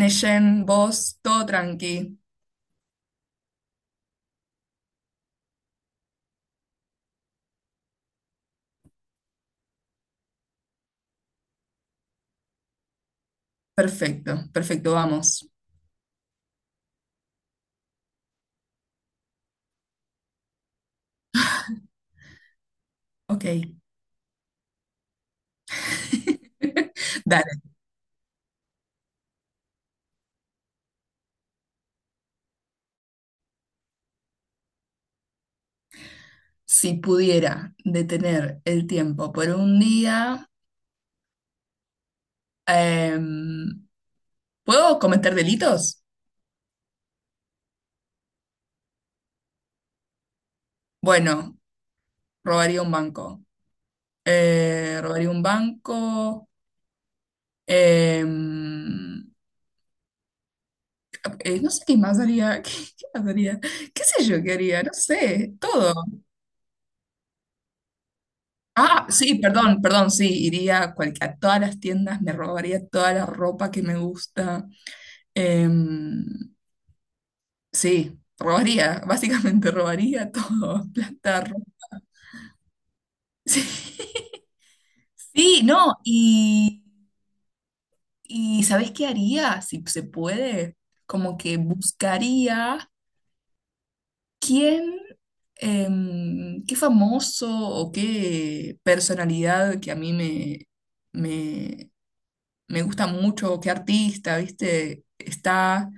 Neyen, vos, todo tranqui. Perfecto, perfecto, vamos. Ok. Dale, si pudiera detener el tiempo por un día, em, ¿puedo cometer delitos? Bueno, robaría un banco. Robaría un banco. em, no sé qué más haría. ¿Qué más haría? ¿Qué sé yo qué haría? No sé, todo. Ah, sí, perdón, perdón, sí, iría a, a todas las tiendas, me robaría toda la ropa que me gusta. Em, sí, robaría, básicamente robaría todo, plata, ropa. Sí, sí, no, y ¿sabes qué haría? Si se puede, como que buscaría quién, ¿qué famoso o qué personalidad que a mí me, me gusta mucho? ¿Qué artista, viste? Está,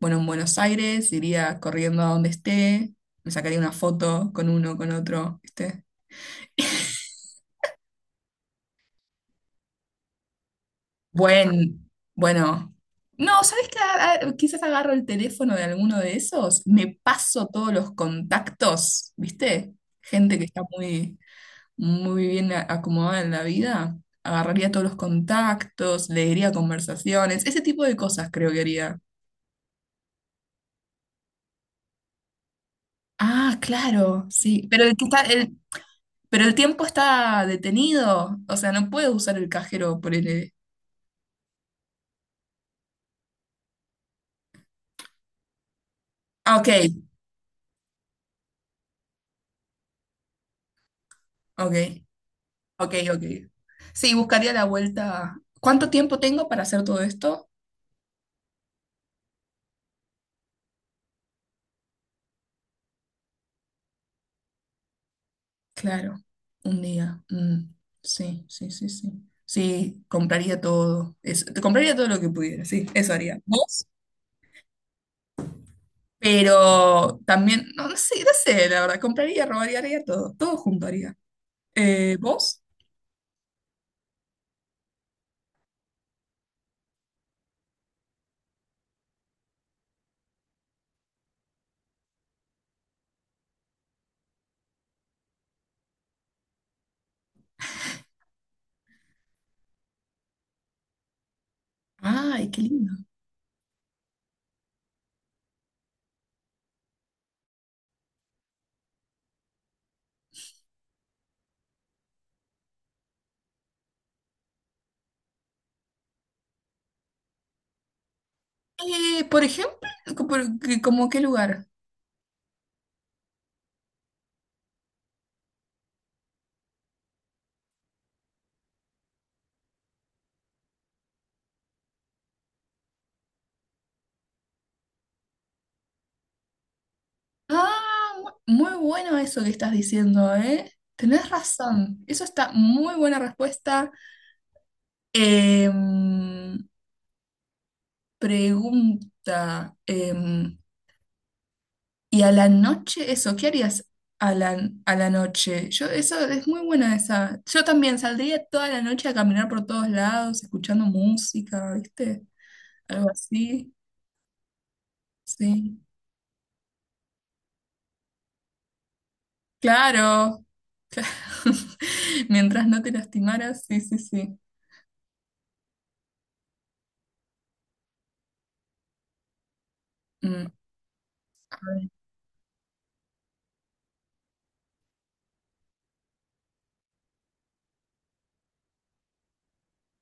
bueno, en Buenos Aires, iría corriendo a donde esté, me sacaría una foto con uno, con otro, ¿viste? Bueno, no, ¿sabes qué? Ah, quizás agarro el teléfono de alguno de esos, me paso todos los contactos, ¿viste? Gente que está muy bien acomodada en la vida, agarraría todos los contactos, leería conversaciones, ese tipo de cosas creo que haría. Ah, claro, sí. Pero el tiempo está detenido. O sea, no puede usar el cajero por el. Ah, ok, ok, ok, ok. Sí, buscaría la vuelta. ¿Cuánto tiempo tengo para hacer todo esto? Claro, un día. Mm, sí, sí, sí, sí. Sí, compraría todo. Eso. Te compraría todo lo que pudiera, sí, eso haría. ¿Vos? Pero también, no, no sé, no sé, la verdad, compraría, robaría, haría todo. Todo junto haría. ¿Vos? Ay, qué lindo. Por ejemplo, ¿como qué lugar? Ah, muy bueno eso que estás diciendo, ¿eh? Tenés razón. Eso está muy buena respuesta. Em, pregunta. ¿Y a la noche eso? ¿Qué harías a la noche? Yo, eso es muy buena esa. Yo también saldría toda la noche a caminar por todos lados, escuchando música, ¿viste? Algo así. Sí. Claro. Mientras no te lastimaras, sí, sí, sí. Mm, a ver.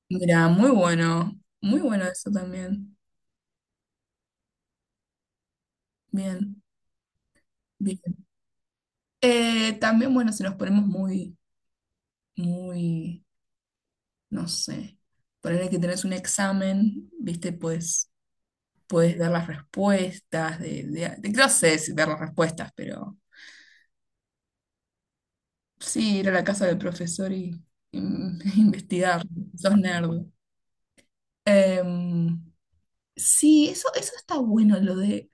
Mira, muy bueno, muy bueno eso también. Bien, bien. También, bueno, si nos ponemos muy, no sé, ponerle que tenés un examen, viste, puedes dar las respuestas, no sé si dar las respuestas, pero sí, ir a la casa del profesor y investigar. Sos nerd. Em, sí, eso está bueno,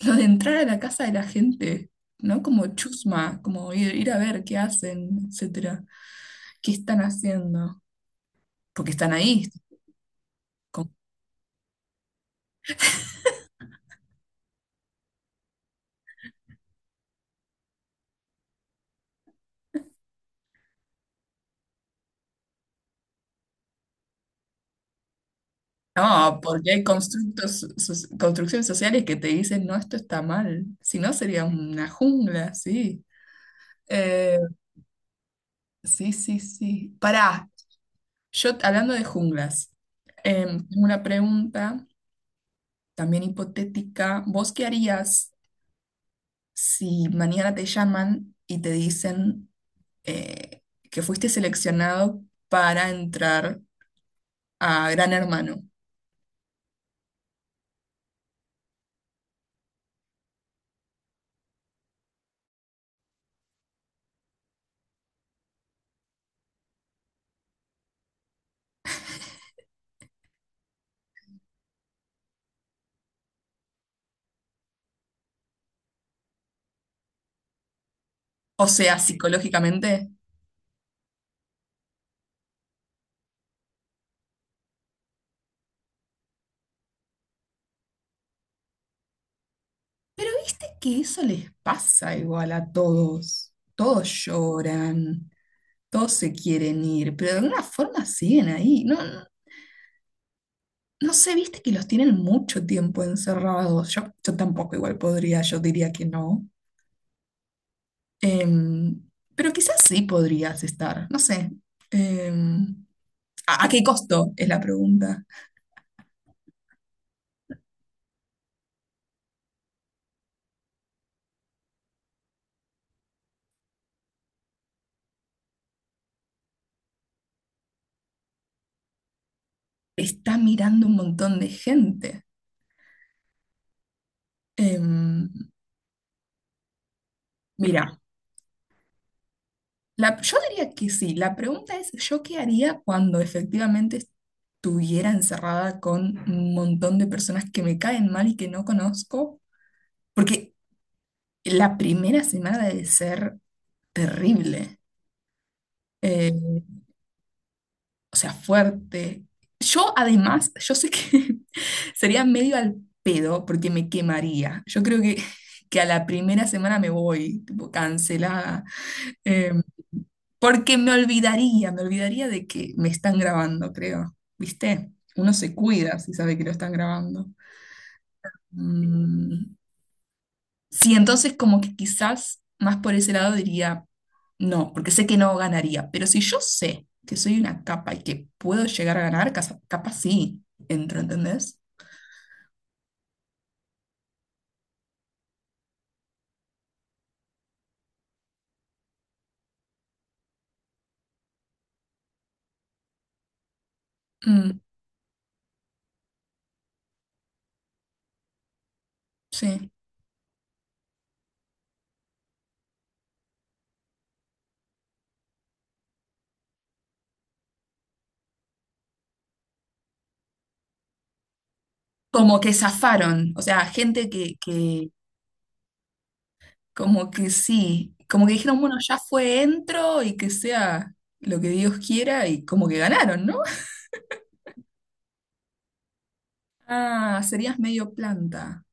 lo de entrar a la casa de la gente, ¿no? Como chusma, como ir a ver qué hacen, etcétera, qué están haciendo, porque están ahí. con- No, porque hay constructos, construcciones sociales que te dicen, no, esto está mal, si no sería una jungla, sí. Eh, sí, sí, sí. Pará, yo hablando de junglas, tengo una pregunta también hipotética, ¿vos qué harías si mañana te llaman y te dicen eh, que fuiste seleccionado para entrar a Gran Hermano? O sea, psicológicamente. Pero viste que eso les pasa igual a todos. Todos lloran, todos se quieren ir, pero de alguna forma siguen ahí. No, no, no sé, viste que los tienen mucho tiempo encerrados. Yo tampoco igual podría, yo diría que no. Em, pero quizás sí podrías estar, no sé. Em, ¿a a qué costo? Es la pregunta. Está mirando un montón de gente. Em, mira, yo diría que sí. La pregunta es, ¿yo qué haría cuando efectivamente estuviera encerrada con un montón de personas que me caen mal y que no conozco? Porque la primera semana debe ser terrible. Em, o sea, fuerte. Yo además, yo sé que sería medio al pedo porque me quemaría. Yo creo que a la primera semana me voy, tipo, cancelada. Eh, porque me olvidaría de que me están grabando, creo. ¿Viste? Uno se cuida si sabe que lo están grabando. Mm, sí, entonces como que quizás más por ese lado diría no, porque sé que no ganaría, pero si yo sé que soy una capa y que puedo llegar a ganar, capaz sí, entro, ¿entendés? Mm, sí. Como que zafaron, o sea, gente que como que sí, como que dijeron, bueno, ya fue, entro y que sea lo que Dios quiera y como que ganaron, ¿no? Ah, serías medio planta.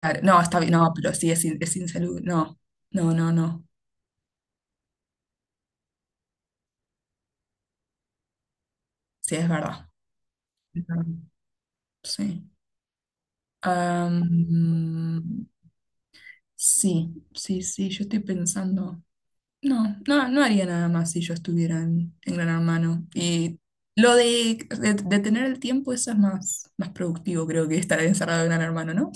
Claro, no, está bien, no, pero sí, es, es insalud no, no, no, no, sí, es verdad. Sí. Am, sí, sí, sí, yo estoy pensando. No, no, no haría nada más si yo estuviera en Gran Hermano. Y lo de tener el tiempo, eso es más, más productivo, creo que estar encerrado en Gran Hermano, ¿no?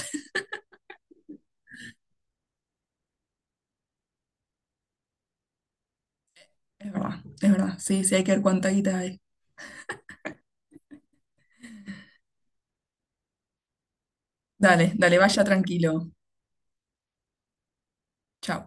Es verdad, es verdad. Sí, sí, hay que ver cuánta guita hay. Dale, dale, vaya tranquilo. Chao.